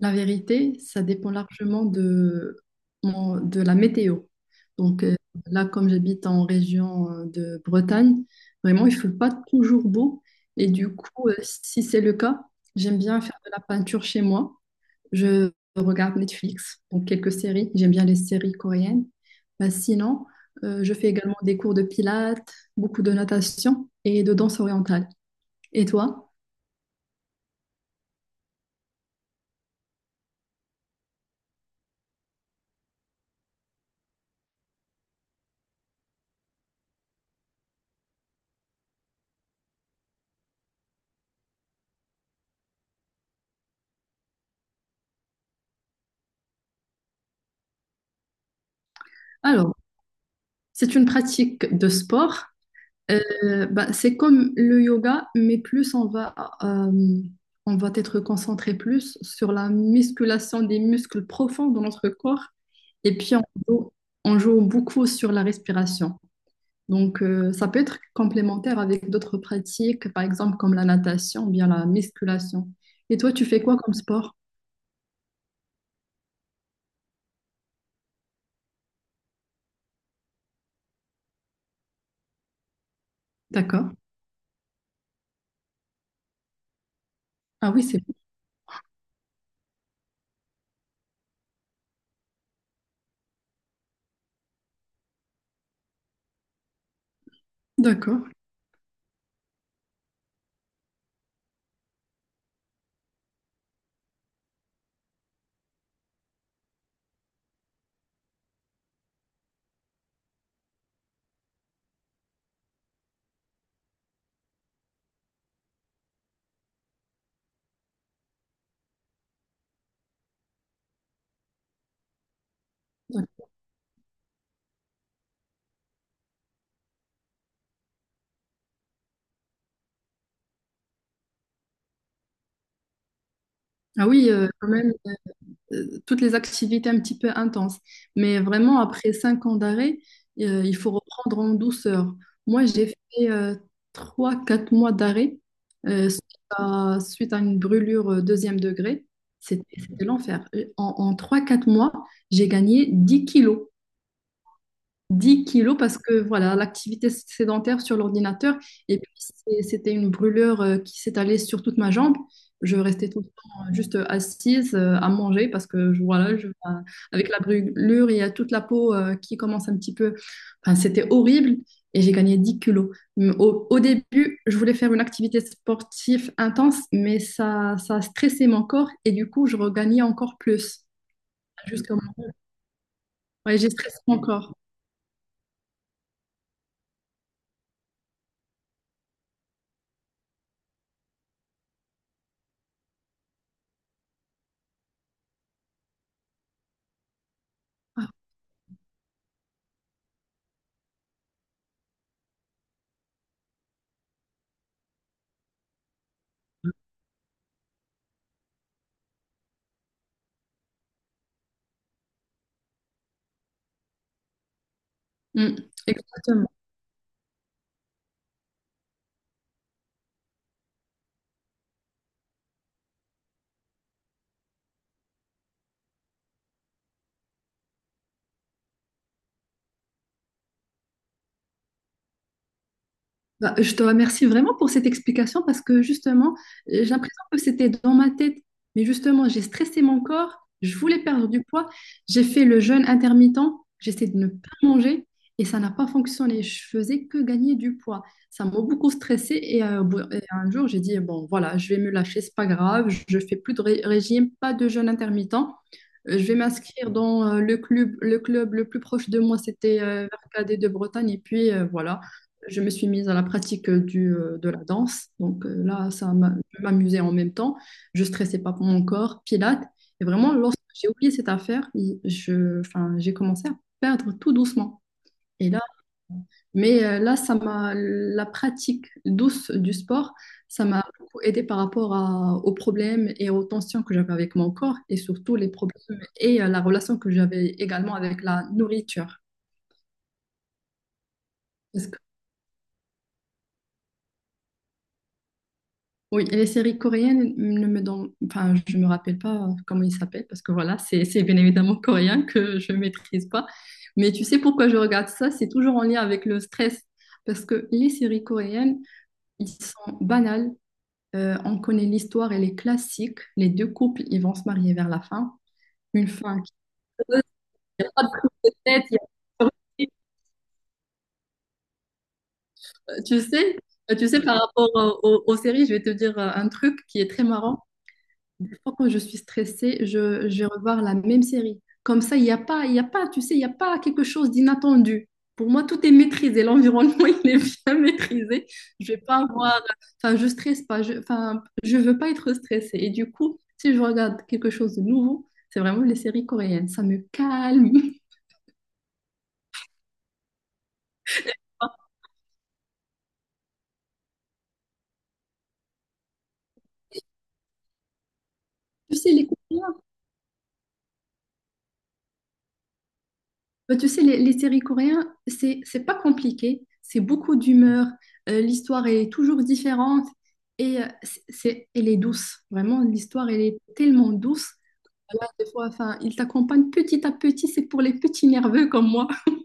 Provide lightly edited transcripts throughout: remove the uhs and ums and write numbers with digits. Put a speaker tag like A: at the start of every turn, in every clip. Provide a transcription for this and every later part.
A: La vérité, ça dépend largement de, de la météo. Donc euh, Là, comme j'habite en région de Bretagne, vraiment, il ne fait pas toujours beau. Et du coup, si c'est le cas, j'aime bien faire de la peinture chez moi. Je regarde Netflix, donc quelques séries. J'aime bien les séries coréennes. Bah, sinon, je fais également des cours de pilates, beaucoup de natation et de danse orientale. Et toi? Alors, c'est une pratique de sport. Bah, c'est comme le yoga, mais plus euh, on va être concentré plus sur la musculation des muscles profonds de notre corps. Et puis, joue, on joue beaucoup sur la respiration. Donc, ça peut être complémentaire avec d'autres pratiques, par exemple comme la natation ou bien la musculation. Et toi, tu fais quoi comme sport? D'accord. Ah oui, c'est bon. D'accord. Ah oui, quand même. Euh, toutes les activités un petit peu intenses. Mais vraiment, après cinq ans d'arrêt, il faut reprendre en douceur. Moi, j'ai fait trois, quatre mois d'arrêt suite suite à une brûlure deuxième degré. C'était l'enfer. En trois, quatre mois, j'ai gagné 10 kilos parce que voilà, l'activité sédentaire sur l'ordinateur, et puis c'était une brûlure qui s'étalait sur toute ma jambe. Je restais tout le temps juste assise à manger parce que voilà, avec la brûlure, il y a toute la peau qui commence un petit peu. Enfin, c'était horrible et j'ai gagné 10 kilos. Mais Au début, je voulais faire une activité sportive intense, mais ça stressait mon corps et du coup, je regagnais encore plus. Justement. Ouais, j'ai stressé mon corps. Ah. Mm. Exactement. Bah, je te remercie vraiment pour cette explication parce que justement, j'ai l'impression que c'était dans ma tête. Mais justement, j'ai stressé mon corps, je voulais perdre du poids, j'ai fait le jeûne intermittent, j'essaie de ne pas manger et ça n'a pas fonctionné. Je faisais que gagner du poids. Ça m'a beaucoup stressé et, et un jour, j'ai dit, bon, voilà, je vais me lâcher, c'est pas grave, je fais plus de régime, pas de jeûne intermittent. Je vais m'inscrire dans le club le plus proche de moi, c'était vers KD de Bretagne. Et puis voilà, je me suis mise à la pratique de la danse. Donc là, ça m'amusait en même temps. Je ne stressais pas pour mon corps, pilates. Et vraiment, lorsque j'ai oublié cette affaire, enfin, j'ai commencé à perdre tout doucement. Et là, mais là, la pratique douce du sport, ça m'a beaucoup aidé par rapport aux problèmes et aux tensions que j'avais avec mon corps et surtout les problèmes et la relation que j'avais également avec la nourriture. Parce Oui, et les séries coréennes ne me donnent, enfin, je me rappelle pas comment ils s'appellent parce que voilà, c'est bien évidemment coréen que je maîtrise pas. Mais tu sais pourquoi je regarde ça? C'est toujours en lien avec le stress parce que les séries coréennes, ils sont banales. On connaît l'histoire, elle est classique. Les deux couples, ils vont se marier vers la fin. Une fin qui ne pas de prise de tête. Tu sais, tu sais, par rapport aux séries, je vais te dire un truc qui est très marrant. Des fois, quand je suis stressée, je vais revoir la même série. Comme ça, il y a pas, tu sais, il n'y a pas quelque chose d'inattendu. Pour moi, tout est maîtrisé. L'environnement, il est bien maîtrisé. Je vais pas avoir, enfin, je stresse pas. Enfin, je veux pas être stressée. Et du coup, si je regarde quelque chose de nouveau, c'est vraiment les séries coréennes. Ça me calme. Tu sais, les Coréens, Bah, tu sais, les séries coréennes, c'est pas compliqué, c'est beaucoup d'humeur, l'histoire est toujours différente et elle est douce, vraiment, l'histoire, elle est tellement douce. Là, des fois, enfin, ils t'accompagnent petit à petit, c'est pour les petits nerveux comme moi.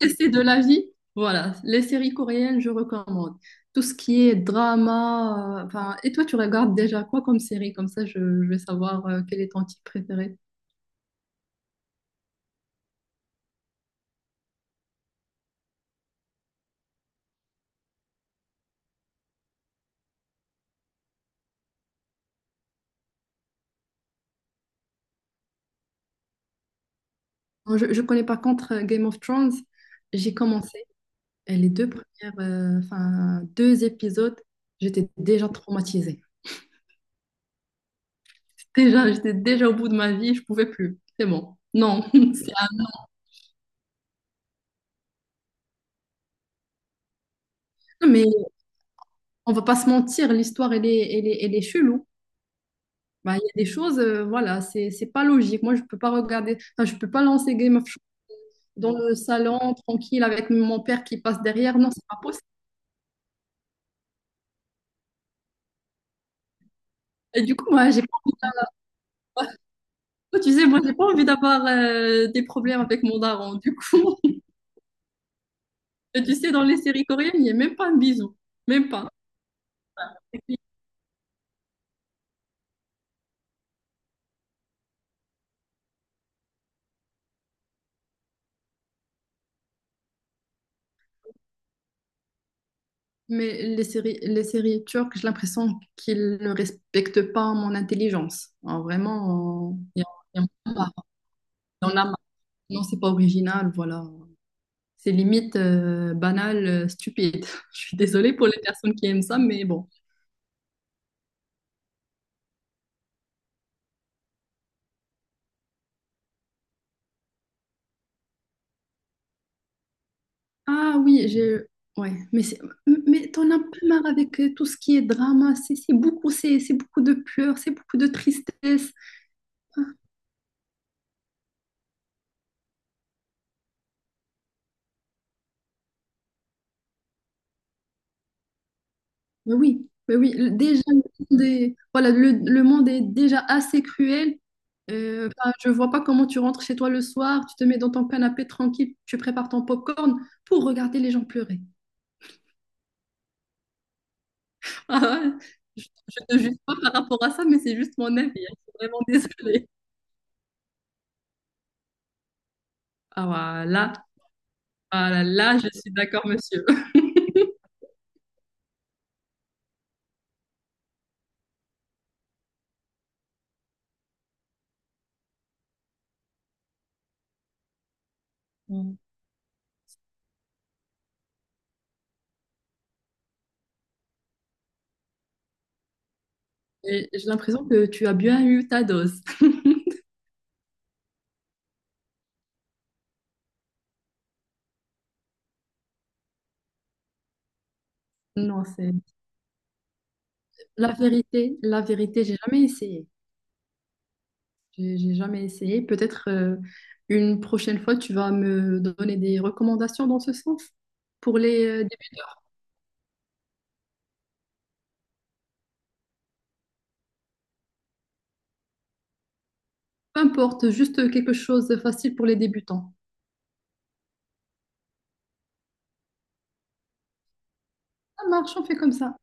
A: Et c'est de la vie. Voilà, les séries coréennes, je recommande. Tout ce qui est drama, et toi, tu regardes déjà quoi comme série? Comme ça, je vais savoir quel est ton type préféré. Moi, je connais par contre Game of Thrones. J'ai commencé Et les deux premières, deux épisodes, j'étais déjà traumatisée. Déjà, j'étais déjà au bout de ma vie, je pouvais plus. C'est bon. Non, c'est mais on va pas se mentir, l'histoire, elle est chelou. Bah, il y a des choses, voilà, c'est pas logique. Moi, je peux pas regarder, enfin, je peux pas lancer Game of Thrones dans le salon, tranquille, avec mon père qui passe derrière. Non, c'est pas possible. Et du coup, moi, j'ai pas, tu sais, moi, j'ai pas envie d'avoir des problèmes avec mon daron. Du coup, tu sais, dans les séries coréennes, il n'y a même pas un bisou. Même pas. Mais les séries turques, j'ai l'impression qu'ils ne respectent pas mon intelligence. Alors, vraiment, il y en a marre. Il y en a marre. Non, c'est pas original, voilà. C'est limite banal, stupide. Je suis désolée pour les personnes qui aiment ça, mais bon. Ah oui, j'ai... Ouais, mais c'est... Mais t'en as pas marre avec tout ce qui est drama, c'est beaucoup, c'est beaucoup de pleurs, c'est beaucoup de tristesse. Mais oui, le monde est, voilà, le monde est déjà assez cruel. Enfin, je vois pas comment tu rentres chez toi le soir, tu te mets dans ton canapé tranquille, tu prépares ton popcorn pour regarder les gens pleurer. Ah ouais, je te juge pas par rapport à ça, mais c'est juste mon avis. Hein, je suis vraiment désolée. Ah voilà, ah là, là, je suis d'accord, monsieur. Mm. Et j'ai l'impression que tu as bien eu ta dose. Non, la vérité, j'ai jamais essayé. J'ai jamais essayé. Peut-être une prochaine fois, tu vas me donner des recommandations dans ce sens. Pour les débutants, peu importe, juste quelque chose de facile pour les débutants. Ça marche, on fait comme ça.